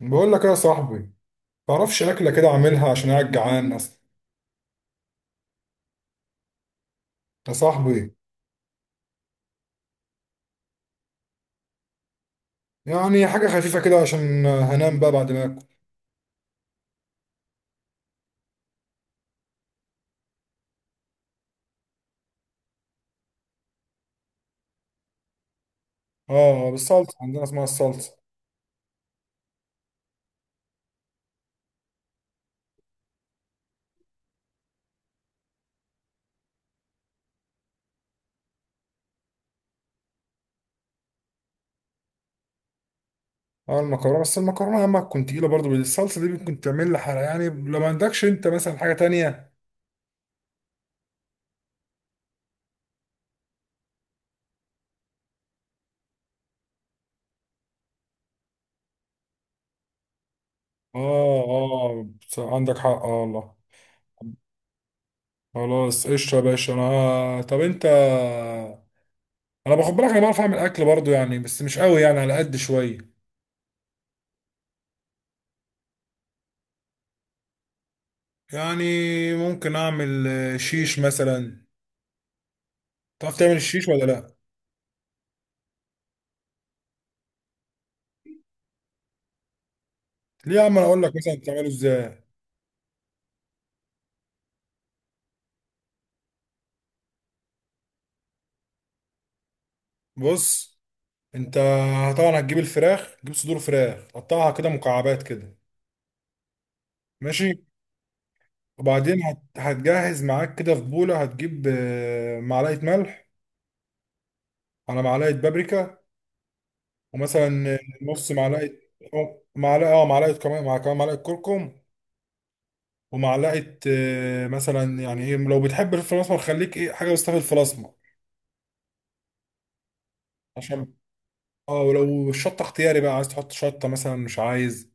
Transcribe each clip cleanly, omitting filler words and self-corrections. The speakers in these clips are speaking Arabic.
بقول لك إيه يا صاحبي؟ تعرفش اكله كده اعملها عشان قاعد جعان اصلا، يا صاحبي. يعني حاجه خفيفه كده عشان هنام بقى بعد ما اكل. اه، بالصلصه عندنا اسمها الصلصه. اه، المكرونه، بس المكرونه يا اما تكون تقيله، برضه الصلصه دي ممكن تعمل لي حرق، يعني لو ما عندكش انت مثلا حاجه تانية. اه، اه، عندك حق، اه والله. خلاص، قشطه يا باشا. انا، طب انت، انا باخد بالك، انا بعرف اعمل اكل برضه يعني، بس مش قوي يعني، على قد شويه. يعني ممكن اعمل شيش مثلا. تعرف تعمل الشيش ولا لا؟ ليه يا عم، انا اقول لك مثلا بتعمله ازاي. بص، انت طبعا هتجيب الفراخ، تجيب صدور فراخ، تقطعها كده مكعبات كده. ماشي. وبعدين هتجهز معاك كده في بوله، هتجيب معلقه ملح، على معلقه بابريكا، ومثلا نص معلقه، أو معلقه، اه معلقه كمان، مع كمان معلقه كركم، ومعلقه مثلا يعني ايه، لو بتحب الفلفل الاسمر خليك ايه حاجه بس في الفلفل الاسمر عشان، اه. ولو الشطه اختياري بقى، عايز تحط شطه مثلا، مش عايز.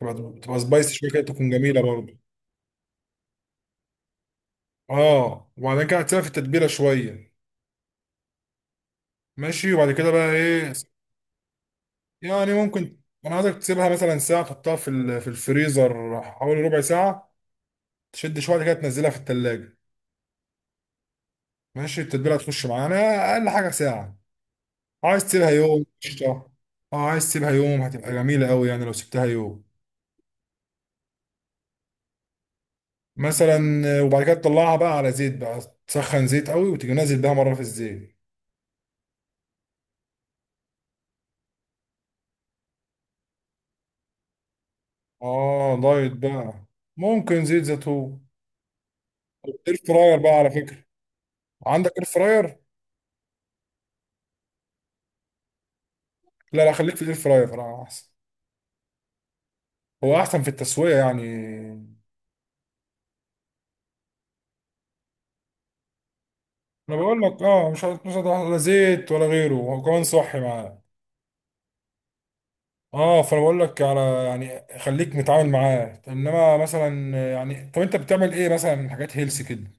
تبقى تبقى سبايسي شويه كده، تكون جميله برضه. اه، وبعدين كده هتسيبها في التتبيله شويه. ماشي، وبعد كده بقى ايه، يعني ممكن، انا عايزك تسيبها مثلا ساعه، تحطها في في الفريزر حوالي ربع ساعه، تشد شويه كده، تنزلها في التلاجة. ماشي، التتبيله هتخش معانا. اقل حاجه ساعه، عايز تسيبها يوم قشطه. اه، عايز تسيبها يوم هتبقى جميله قوي، يعني لو سبتها يوم مثلا. وبعد كده تطلعها بقى على زيت بقى، تسخن زيت قوي، وتيجي نازل بيها مره في الزيت. اه، دايت بقى، ممكن زيت زيتون. اير فراير بقى على فكره، عندك اير فراير؟ لا لا، خليك في الاير فراير احسن. هو احسن في التسويه يعني. انا بقول لك، اه، مش مش هتحط لا زيت ولا غيره، وكمان صحي معاه. اه، فانا بقول لك على يعني خليك متعامل معاه، انما مثلا يعني، طب انت بتعمل ايه مثلا من حاجات هيلسي كده؟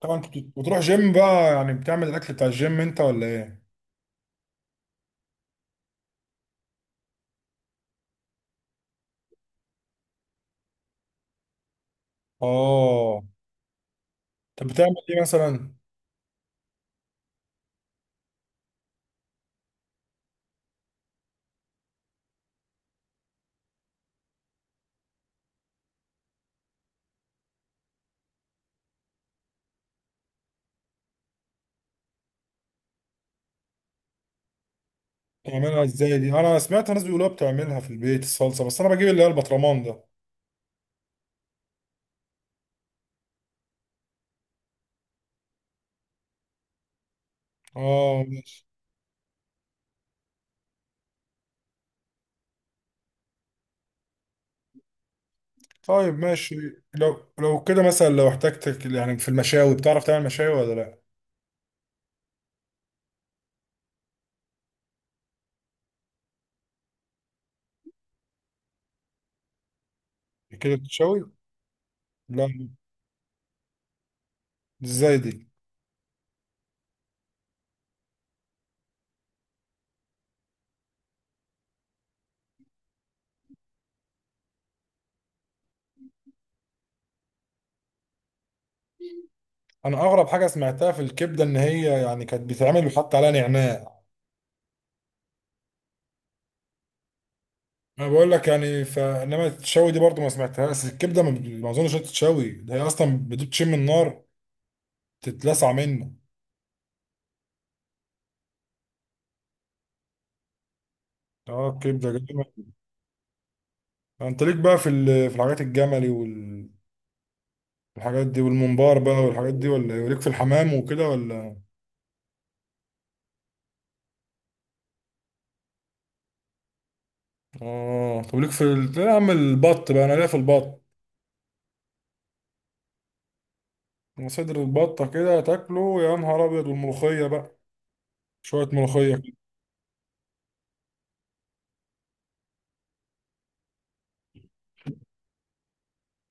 طبعا انت بتروح جيم بقى يعني، بتعمل الاكل بتاع الجيم انت ولا ايه؟ اه، طب بتعمل ايه مثلا؟ تعملها ازاي دي؟ انا سمعت ناس بيقولوها بتعملها في البيت الصلصه، بس انا بجيب اللي هي البطرمان ده. اه. طيب ماشي، لو كده مثلا، لو احتجتك يعني في المشاوي، بتعرف تعمل مشاوي ولا لا؟ كده بتشوي. لا. ازاي دي؟ انا اغرب حاجه سمعتها في الكبده ان هي يعني كانت بتتعمل وحط عليها نعناع. انا بقول لك يعني، فانما التشوي دي برضو ما سمعتهاش الكبده. ما اظنش إنها تتشوي، ده هي اصلا بتشم النار تتلسع منه. اه، الكبده جميل. انت ليك بقى في في الحاجات الجملي والحاجات دي والممبار بقى والحاجات دي، ولا ليك في الحمام وكده ولا؟ اه طب ليك لا يا عم، البط بقى انا ليا في البط. أنا صدر البطه كده تاكله يا نهار ابيض، والملوخيه بقى شويه ملوخيه كده.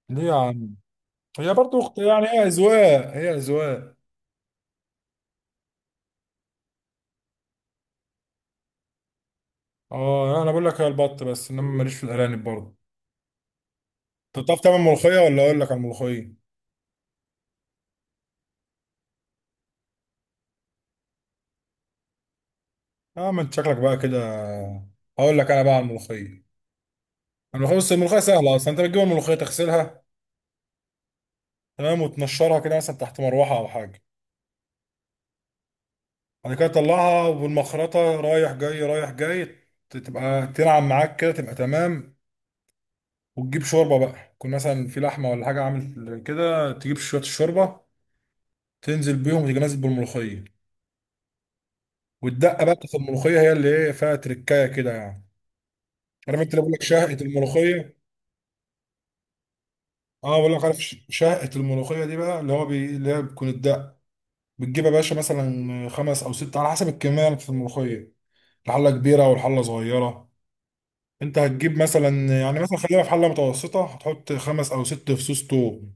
ليه يا عم؟ هي برضو يعني هي اذواق، هي اذواق. اه، يعني انا بقول لك هي البط، بس انما ماليش في الارانب برضه. انت بتعرف تعمل ملوخيه، ولا اقول لك على الملوخيه؟ اه، ما انت شكلك بقى كده. هقول لك انا بقى على الملوخيه. الملوخيه، بس الملوخيه سهله اصلا، انت بتجيب الملوخيه تغسلها، تمام، وتنشرها كده مثلا تحت مروحه او حاجه. بعد كده طلعها والمخرطة رايح جاي رايح جاي، تبقى تنعم معاك كده، تبقى تمام. وتجيب شوربة بقى، يكون مثلا في لحمة ولا حاجة عامل كده، تجيب شوية الشوربة تنزل بيهم، وتيجي نازل بالملوخية. والدقة بقى بتاعت الملوخية هي اللي ايه فيها تركاية كده يعني. عارف انت اللي بقول لك شهقة الملوخية؟ اه، بقول لك عارف شهقة الملوخية دي بقى، اللي هي بتكون الدقة. بتجيب يا باشا مثلا خمس او ست، على حسب الكمية اللي في الملوخية، الحلة كبيرة والحلة صغيرة. انت هتجيب مثلا، يعني مثلا خلينا في حله متوسطه، هتحط خمس او ست فصوص توم.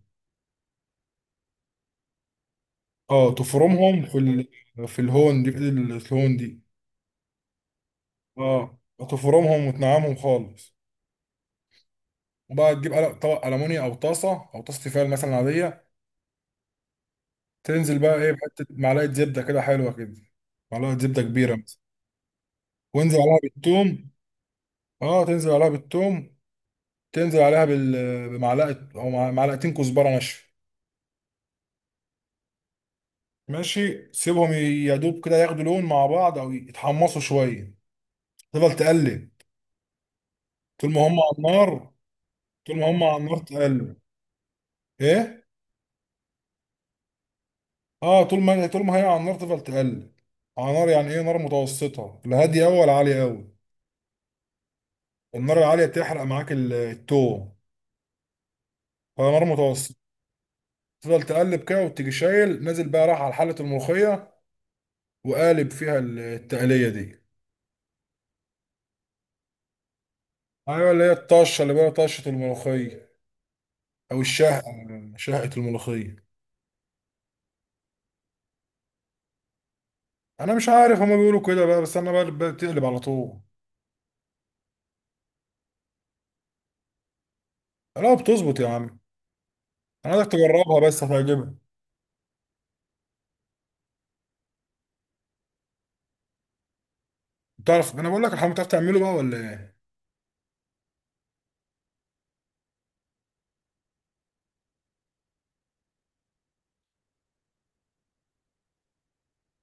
اه، تفرمهم في الهون دي، في ايد الهون دي. اه، تفرمهم وتنعمهم خالص. وبقى تجيب قلق طبق المونيا، او طاسه، او طاسه تيفال مثلا عاديه. تنزل بقى ايه بحته معلقه زبده كده حلوه كده، معلقه زبده كبيره مثلا، وانزل عليها بالثوم. اه، تنزل عليها بالثوم، تنزل عليها بمعلقه او معلقتين كزبره ناشفه. ماشي، سيبهم يا دوب كده ياخدوا لون مع بعض، او يتحمصوا شويه. تفضل تقلب طول ما هم على النار. طول ما هم على النار تقلب، ايه. اه، طول ما هي على النار تفضل تقلب. على نار، يعني ايه، نار متوسطه، لا هاديه قوي ولا عاليه قوي. النار العاليه بتحرق معاك التوم. فنار متوسطه. تفضل تقلب كده، وتيجي شايل نازل بقى راح على حله الملوخيه، وقالب فيها التقليه دي. ايوه، اللي هي الطشه، اللي بقى طشه الملوخيه، او الشهقه. شهقه الملوخيه. انا مش عارف هما بيقولوا كده بقى، بس انا بقى بتقلب على طول. لا، بتظبط يا عم. انا عايزك تجربها بس هتعجبك. تعرف، انا بقول لك الحمام بتعرف تعمله بقى ولا ايه؟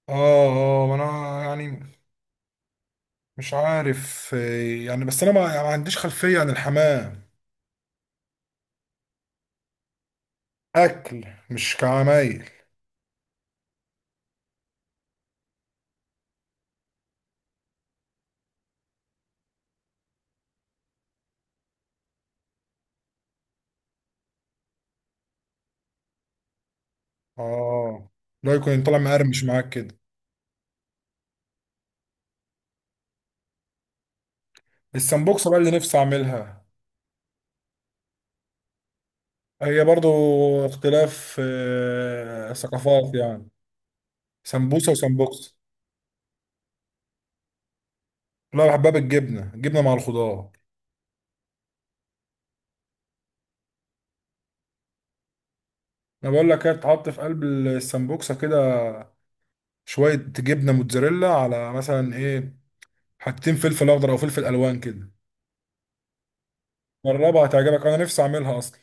اه، اه، ما انا يعني مش عارف يعني، بس انا ما, يعني ما عنديش خلفية عن الحمام. اكل مش كعمايل. اه، لا يكون طالع مقرمش معاك كده. السمبوكسة بقى اللي نفسي اعملها. هي برضو اختلاف ثقافات يعني. سمبوسة وسمبوكسة. لا، بحبها بالجبنة، جبنة مع الخضار. انا بقول لك ايه، تحط في قلب السمبوكسه كده شويه جبنه موتزاريلا، على مثلا ايه، حتتين فلفل اخضر او فلفل الوان كده. جربها هتعجبك، انا نفسي اعملها اصلا.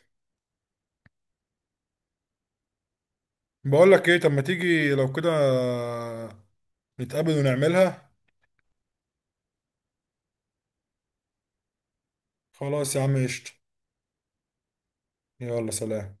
بقول لك ايه، طب ما تيجي لو كده، نتقابل ونعملها. خلاص يا عم، قشطه. يلا سلام.